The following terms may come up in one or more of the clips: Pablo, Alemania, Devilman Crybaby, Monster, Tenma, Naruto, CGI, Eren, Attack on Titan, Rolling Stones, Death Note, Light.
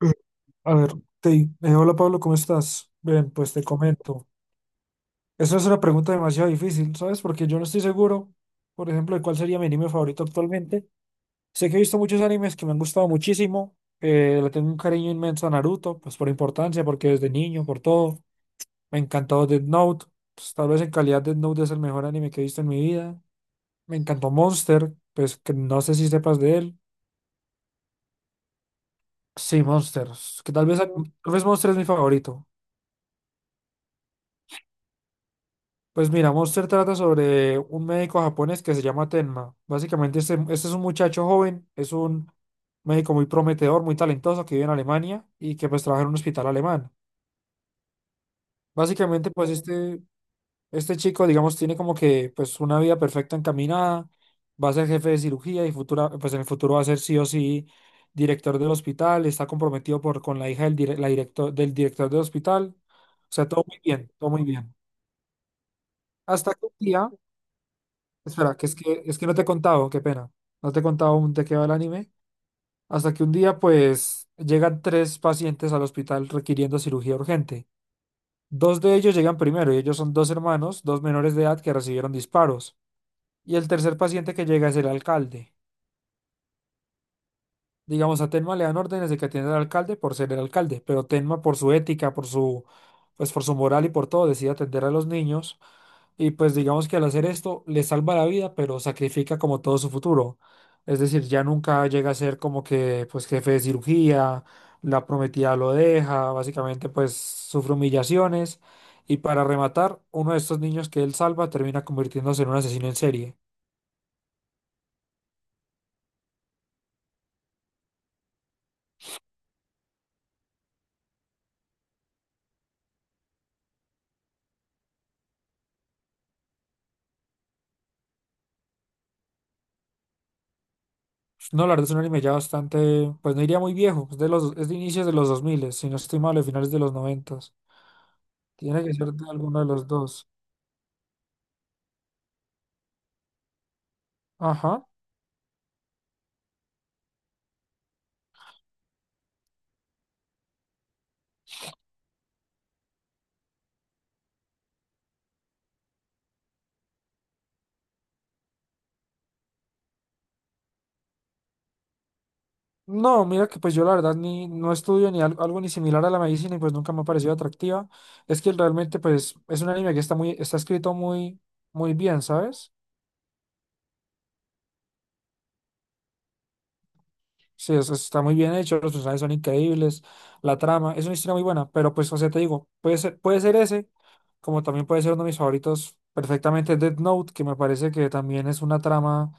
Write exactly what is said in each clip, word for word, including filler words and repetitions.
Eh, A ver, te, eh, Hola Pablo, ¿cómo estás? Bien, pues te comento. Esa es una pregunta demasiado difícil, ¿sabes? Porque yo no estoy seguro, por ejemplo, de cuál sería mi anime favorito actualmente. Sé que he visto muchos animes que me han gustado muchísimo. Eh, le tengo un cariño inmenso a Naruto, pues por importancia, porque desde niño, por todo. Me encantó Death Note. Pues, tal vez en calidad Death Note es el mejor anime que he visto en mi vida. Me encantó Monster, pues que no sé si sepas de él. Sí, Monster. Que tal vez, tal vez Monster es mi favorito. Pues mira, Monster trata sobre un médico japonés que se llama Tenma. Básicamente, este, este es un muchacho joven, es un médico muy prometedor, muy talentoso que vive en Alemania y que pues trabaja en un hospital alemán. Básicamente, pues este, este chico, digamos, tiene como que pues una vida perfecta encaminada, va a ser jefe de cirugía y futura, pues en el futuro va a ser sí o sí director del hospital, está comprometido por, con la hija del, dire- la director, del director del hospital. O sea, todo muy bien, todo muy bien. Hasta que un día... Espera, que es que es que no te he contado, qué pena. No te he contado aún de qué va el anime. Hasta que un día, pues, llegan tres pacientes al hospital requiriendo cirugía urgente. Dos de ellos llegan primero y ellos son dos hermanos, dos menores de edad que recibieron disparos. Y el tercer paciente que llega es el alcalde. Digamos, a Tenma le dan órdenes de que atienda al alcalde por ser el alcalde, pero Tenma por su ética, por su, pues, por su moral y por todo, decide atender a los niños. Y pues digamos que al hacer esto le salva la vida, pero sacrifica como todo su futuro. Es decir, ya nunca llega a ser como que pues jefe de cirugía, la prometida lo deja, básicamente pues sufre humillaciones. Y para rematar, uno de estos niños que él salva termina convirtiéndose en un asesino en serie. No, la verdad es un anime ya bastante, pues no iría muy viejo, es de los, es de inicios de los dos mil, si no estoy mal, de finales de los noventa. Tiene que ser de alguno de los dos. Ajá. No, mira que pues yo la verdad ni no estudio ni al- algo, ni similar a la medicina y pues nunca me ha parecido atractiva. Es que realmente pues es un anime que está muy, está escrito muy, muy bien, ¿sabes? Sí, es- está muy bien hecho, los personajes son increíbles, la trama, es una historia muy buena, pero pues, o sea, te digo, puede ser, puede ser ese, como también puede ser uno de mis favoritos perfectamente, Death Note, que me parece que también es una trama,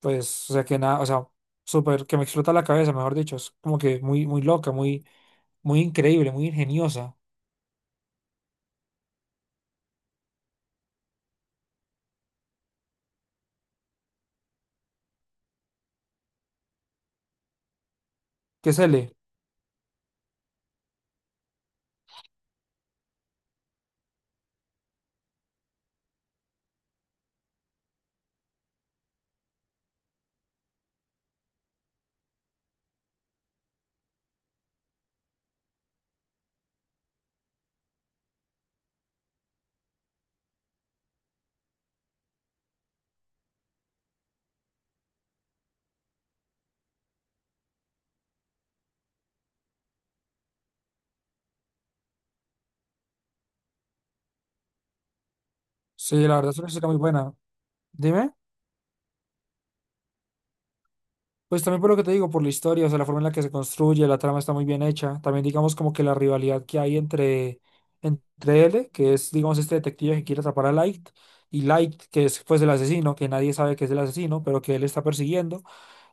pues, o sea, que nada, o sea, súper, que me explota la cabeza, mejor dicho, es como que muy, muy loca, muy, muy increíble, muy ingeniosa. ¿Qué es lee? Sí, la verdad es una historia muy buena. Dime, pues también por lo que te digo, por la historia, o sea, la forma en la que se construye, la trama está muy bien hecha. También digamos como que la rivalidad que hay entre, entre él, que es digamos este detective que quiere atrapar a Light, y Light, que es pues el asesino, que nadie sabe que es el asesino, pero que él está persiguiendo.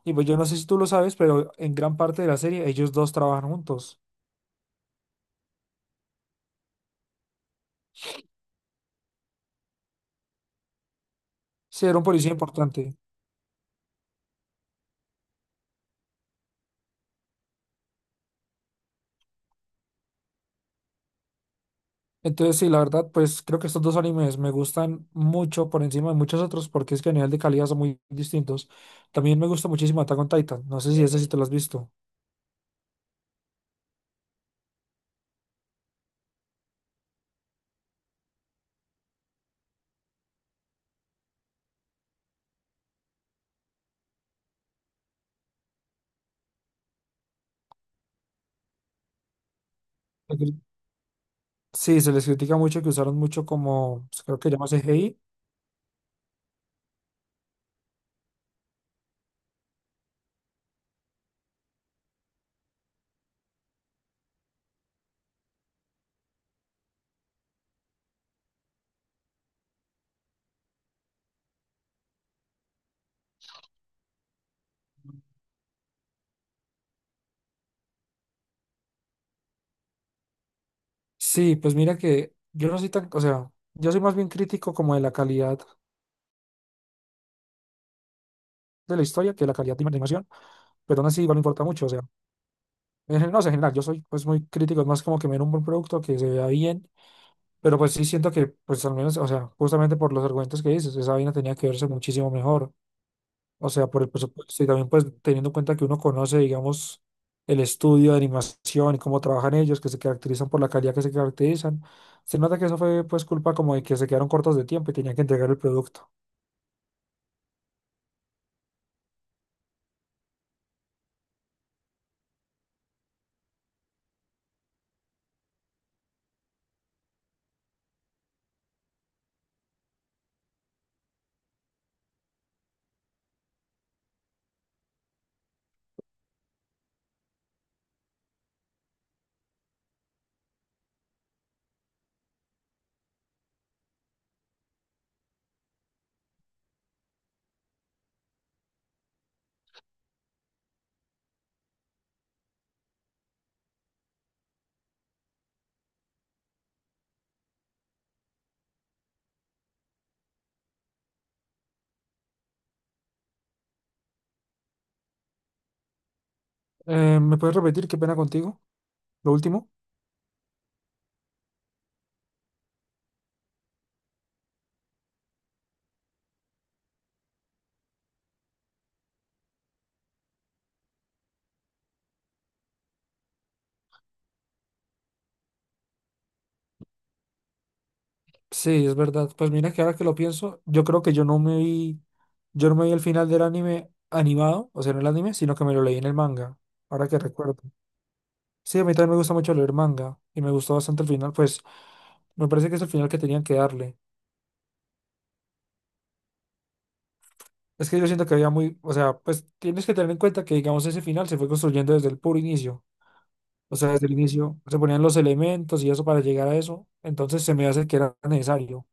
Y pues yo no sé si tú lo sabes, pero en gran parte de la serie ellos dos trabajan juntos. Sí, era un policía importante. Entonces, sí, la verdad, pues creo que estos dos animes me gustan mucho por encima de muchos otros porque es que a nivel de calidad son muy distintos. También me gusta muchísimo Attack on Titan. No sé si ese sí te lo has visto. Sí, se les critica mucho que usaron mucho como, pues, creo que llamas C G I. Sí, pues mira que yo no soy tan, o sea, yo soy más bien crítico como de la calidad de la historia que de la calidad de la animación, pero aún así igual me importa mucho, o sea, en general, no sé, en general, yo soy pues muy crítico, es más como que me den un buen producto, que se vea bien. Pero pues sí siento que, pues al menos, o sea, justamente por los argumentos que dices, esa vaina tenía que verse muchísimo mejor. O sea, por el presupuesto y también pues teniendo en cuenta que uno conoce, digamos, el estudio de animación y cómo trabajan ellos, que se caracterizan por la calidad que se caracterizan. Se nota que eso fue pues culpa como de que se quedaron cortos de tiempo y tenían que entregar el producto. Eh, ¿me puedes repetir qué pena contigo? Lo último. Sí, es verdad. Pues mira que ahora que lo pienso, yo creo que yo no me vi, yo no me vi el final del anime animado, o sea, no el anime, sino que me lo leí en el manga, ahora que recuerdo. Sí, a mí también me gusta mucho leer manga y me gustó bastante el final, pues me parece que es el final que tenían que darle. Es que yo siento que había muy, o sea, pues tienes que tener en cuenta que, digamos, ese final se fue construyendo desde el puro inicio. O sea, desde el inicio se ponían los elementos y eso para llegar a eso. Entonces se me hace que era necesario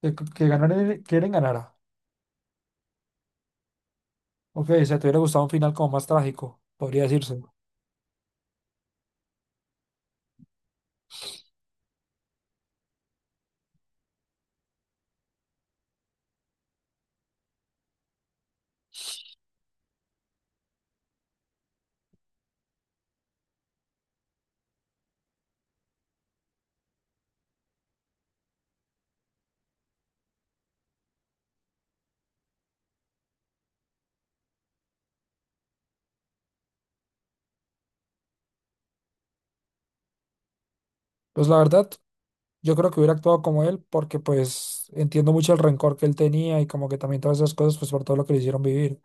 que, que ganara el- que Eren ganara. Ok, o sea, te hubiera gustado un final como más trágico, podría decirse. Pues la verdad, yo creo que hubiera actuado como él porque pues entiendo mucho el rencor que él tenía y como que también todas esas cosas pues por todo lo que le hicieron vivir.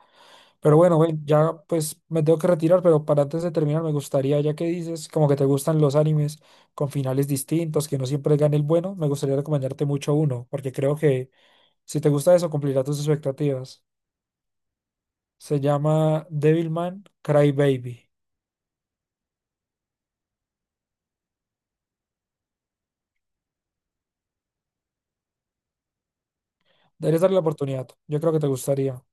Pero bueno, ven, ya pues me tengo que retirar, pero para antes de terminar me gustaría, ya que dices como que te gustan los animes con finales distintos, que no siempre gane el bueno, me gustaría recomendarte mucho uno, porque creo que si te gusta eso cumplirá tus expectativas. Se llama Devilman Crybaby. Deberías darle la oportunidad, yo creo que te gustaría.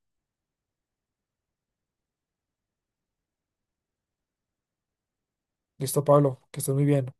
Listo, Pablo, que estés muy bien.